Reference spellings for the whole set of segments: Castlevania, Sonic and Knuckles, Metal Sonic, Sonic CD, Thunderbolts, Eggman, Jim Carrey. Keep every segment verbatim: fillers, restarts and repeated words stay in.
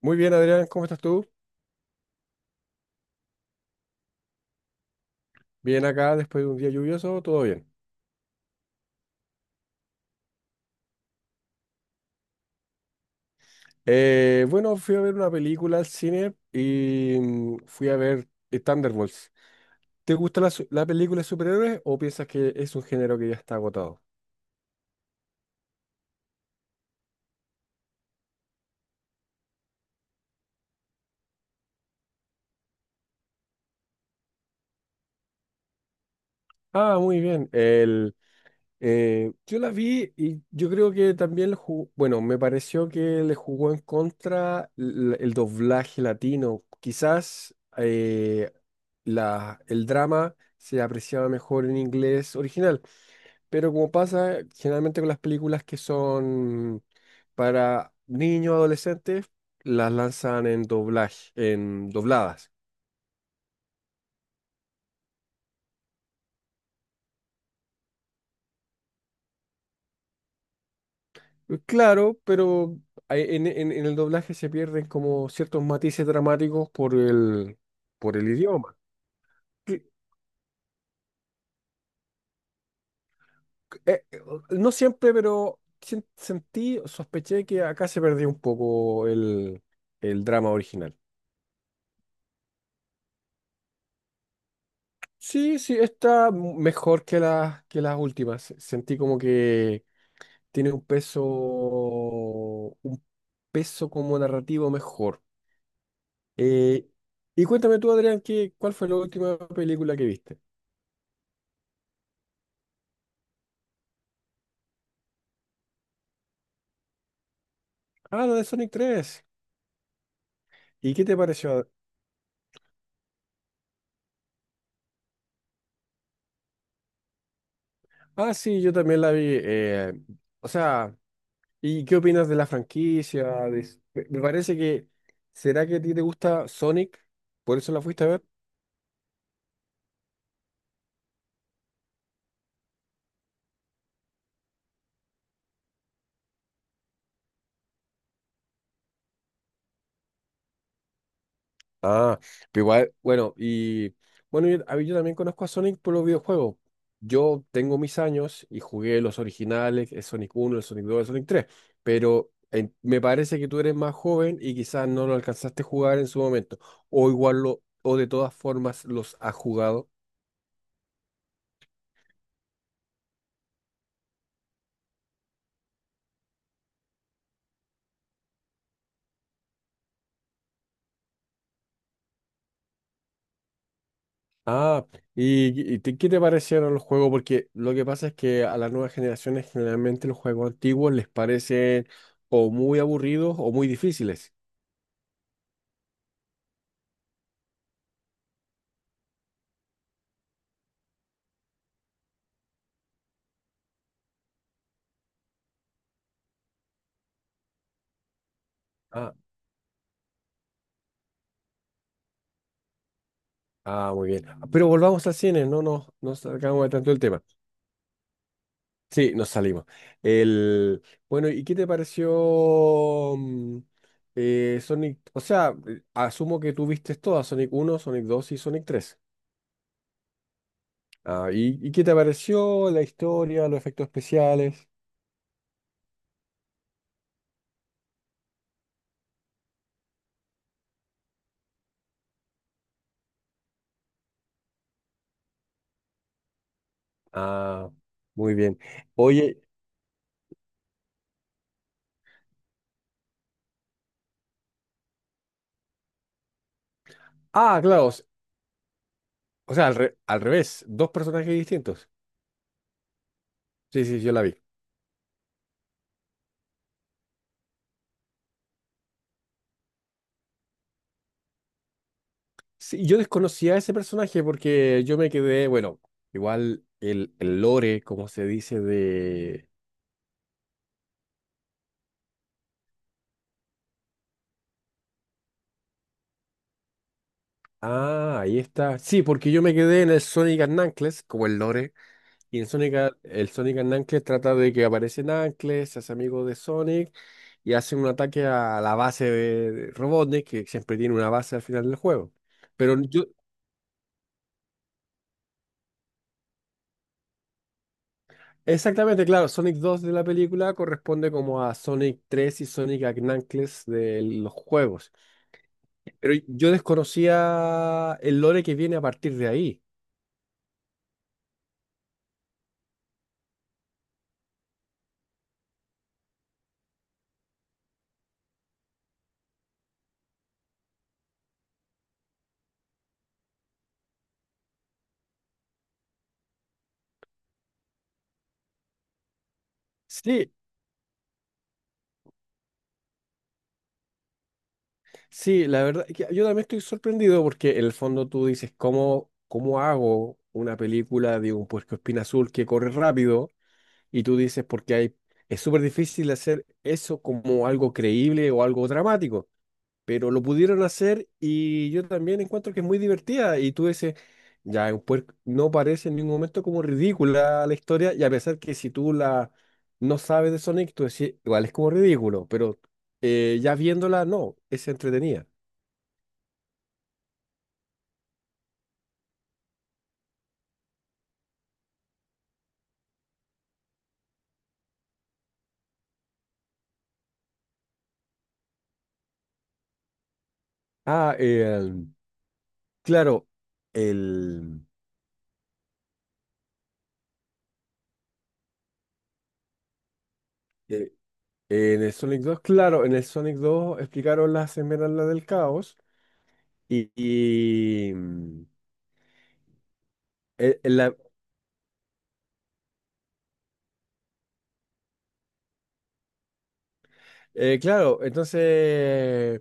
Muy bien, Adrián, ¿cómo estás tú? Bien acá, después de un día lluvioso, todo bien. Eh, bueno, fui a ver una película al cine y mm, fui a ver eh, Thunderbolts. ¿Te gusta la, su- la película de superhéroes o piensas que es un género que ya está agotado? Ah, muy bien. El, eh, yo la vi y yo creo que también, le ju- bueno, me pareció que le jugó en contra l- el, doblaje latino. Quizás eh, la, el drama se apreciaba mejor en inglés original. Pero como pasa generalmente con las películas que son para niños, adolescentes, las lanzan en doblaje, en dobladas. Eh, Claro, pero hay- en, en- en el doblaje se pierden como ciertos matices dramáticos por el, por el idioma. Que- eh, eh, no siempre, pero sen- sentí, sospeché que acá se perdió un poco el, el drama original. Sí, sí, está mejor que las, que las últimas. Sentí como que tiene un peso, un peso como narrativo mejor. Eh, y cuéntame tú, Adrián, ¿qué, cuál fue la última película que viste? Ah, la de Sonic tres. ¿Y qué te pareció? Ah, sí, yo también la vi. Eh, o sea, ¿y qué opinas de la franquicia? De- me parece que, ¿será que a ti te gusta Sonic? ¿Por eso la fuiste a ver? Ah, pero igual, bueno, y bueno, yo, a mí yo también conozco a Sonic por los videojuegos. Yo tengo mis años y jugué los originales, el Sonic uno, el Sonic dos, el Sonic tres. pero en- me parece que tú eres más joven y quizás no lo alcanzaste a jugar en su momento, o igual lo, o de todas formas los has jugado. Ah, ¿y, y te- qué te parecieron los juegos? Porque lo que pasa es que a las nuevas generaciones generalmente los juegos antiguos les parecen o muy aburridos o muy difíciles. Ah, Ah, muy bien. Pero volvamos al cine, no nos no sacamos de tanto el tema. Sí, nos salimos. El, bueno, ¿y qué te pareció mm, eh, Sonic? O sea, eh, asumo que tú viste todas, Sonic uno, Sonic dos y Sonic tres. Ah, ¿y, y qué te pareció la historia, los efectos especiales? Ah, muy bien. Oye, ah, claro, o s- o sea, al, re- al revés, dos personajes distintos. Sí, sí, yo la vi. Sí, yo desconocía a ese personaje porque yo me quedé, bueno, igual el, el lore, como se dice, de. Ah, ahí está. Sí, porque yo me quedé en el Sonic and Knuckles, como el lore, y en Sonic, a- el Sonic and Knuckles trata de que aparece Knuckles, se hace amigo de Sonic, y hace un ataque a la base de de Robotnik, que siempre tiene una base al final del juego. Pero yo. Exactamente, claro, Sonic dos de la película corresponde como a Sonic tres y Sonic and Knuckles de los juegos. Pero yo desconocía el lore que viene a partir de ahí. Sí, sí, la verdad, que yo también estoy sorprendido porque en el fondo tú dices, ¿cómo, cómo hago una película de un puercoespín azul que corre rápido? Y tú dices, porque hay, es súper difícil hacer eso como algo creíble o algo dramático. Pero lo pudieron hacer y yo también encuentro que es muy divertida. Y tú dices, ya, en puer- no parece en ningún momento como ridícula la historia, y a pesar que si tú la no sabes de Sonic, tú decís, igual es como ridículo, pero eh, ya viéndola, no, es entretenida. Ah, eh, claro, el, eh, en el Sonic dos, claro, en el Sonic dos explicaron las esmeraldas del caos y, y, mm, eh, la- eh, claro, entonces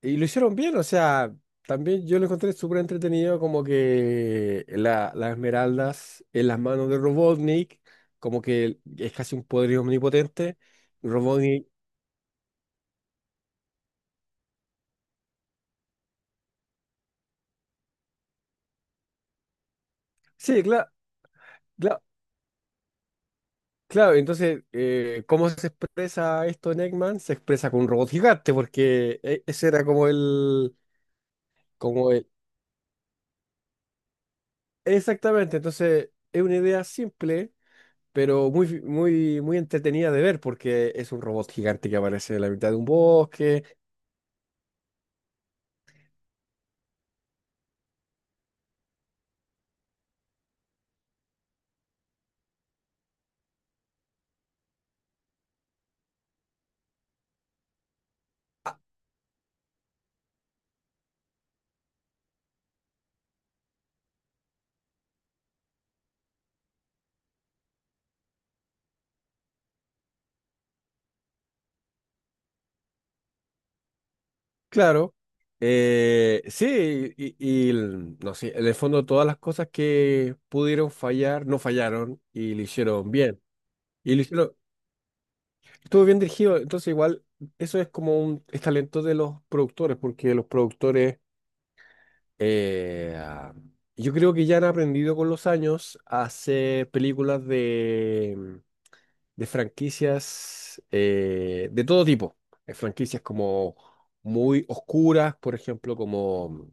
y lo hicieron bien. O sea, también yo lo encontré súper entretenido, como que la- las esmeraldas en las manos de Robotnik, como que es casi un poder omnipotente. Robotnik, sí, claro, claro, claro. Entonces, eh, ¿cómo se expresa esto en Eggman? Se expresa con un robot gigante, porque e- ese era como el, como el, exactamente. Entonces, es una idea simple. Pero muy, muy, muy entretenida de ver porque es un robot gigante que aparece en la mitad de un bosque. Claro. Eh, sí, y, y el- no sé, en el fondo todas las cosas que pudieron fallar, no fallaron y lo hicieron bien. Y lo hicieron, Estuvo bien dirigido, entonces igual eso es como un es talento de los productores, porque los productores, eh, ah, yo creo que ya han aprendido con los años a hacer películas de, mm, de franquicias eh, de todo tipo. Eh, franquicias como muy oscuras, por ejemplo, como... mm,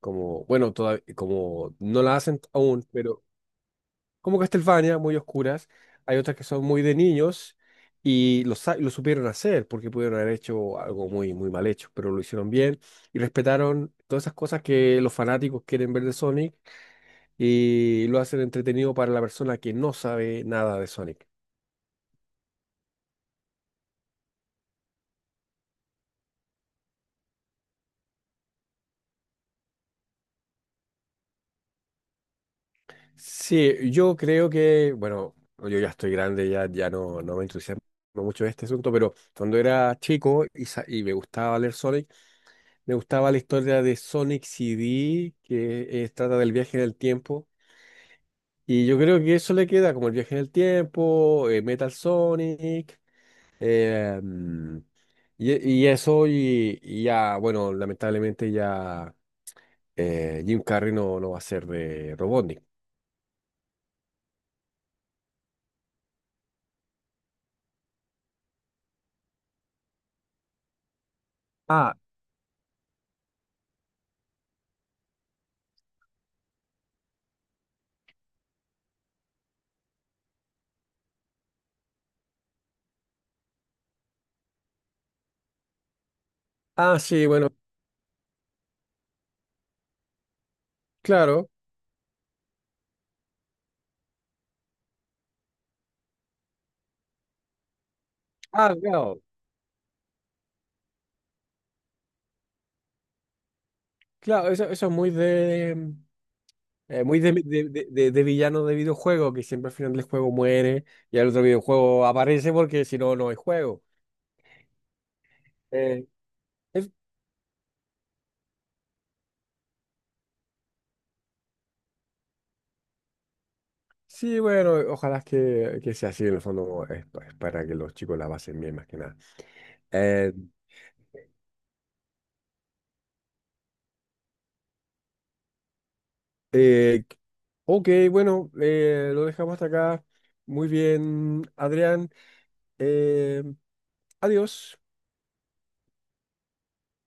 como, bueno, toda- como no la hacen aún, pero como Castlevania, muy oscuras. Hay otras que son muy de niños y lo, sa- lo supieron hacer porque pudieron haber hecho algo muy, muy mal hecho, pero lo hicieron bien y respetaron todas esas cosas que los fanáticos quieren ver de Sonic y lo hacen entretenido para la persona que no sabe nada de Sonic. Sí, yo creo que, bueno, yo ya estoy grande, ya, ya no, no me entusiasma mucho este asunto, pero cuando era chico y, sa- y me gustaba leer Sonic. Me gustaba la historia de Sonic C D, que eh, trata del viaje en el tiempo. Y yo creo que eso le queda como el viaje en el tiempo, eh, Metal Sonic, eh, mm, y, y eso, y, y ya, bueno, lamentablemente ya eh, Jim Carrey no, no va a ser de Robotnik. Ah, ah, sí, bueno, claro. Ah, claro, claro, eso, eso es muy de. Eh, muy de, de, de- de- de villano de videojuego, que siempre al final del juego muere y el otro videojuego aparece porque si no, no hay juego. Eh, es- sí, bueno, ojalá que, que sea así, en el fondo es, pa- es para que los chicos la pasen bien, más que nada. Eh, eh, ok, bueno, eh, lo dejamos hasta acá. Muy bien, Adrián. Eh, Adiós.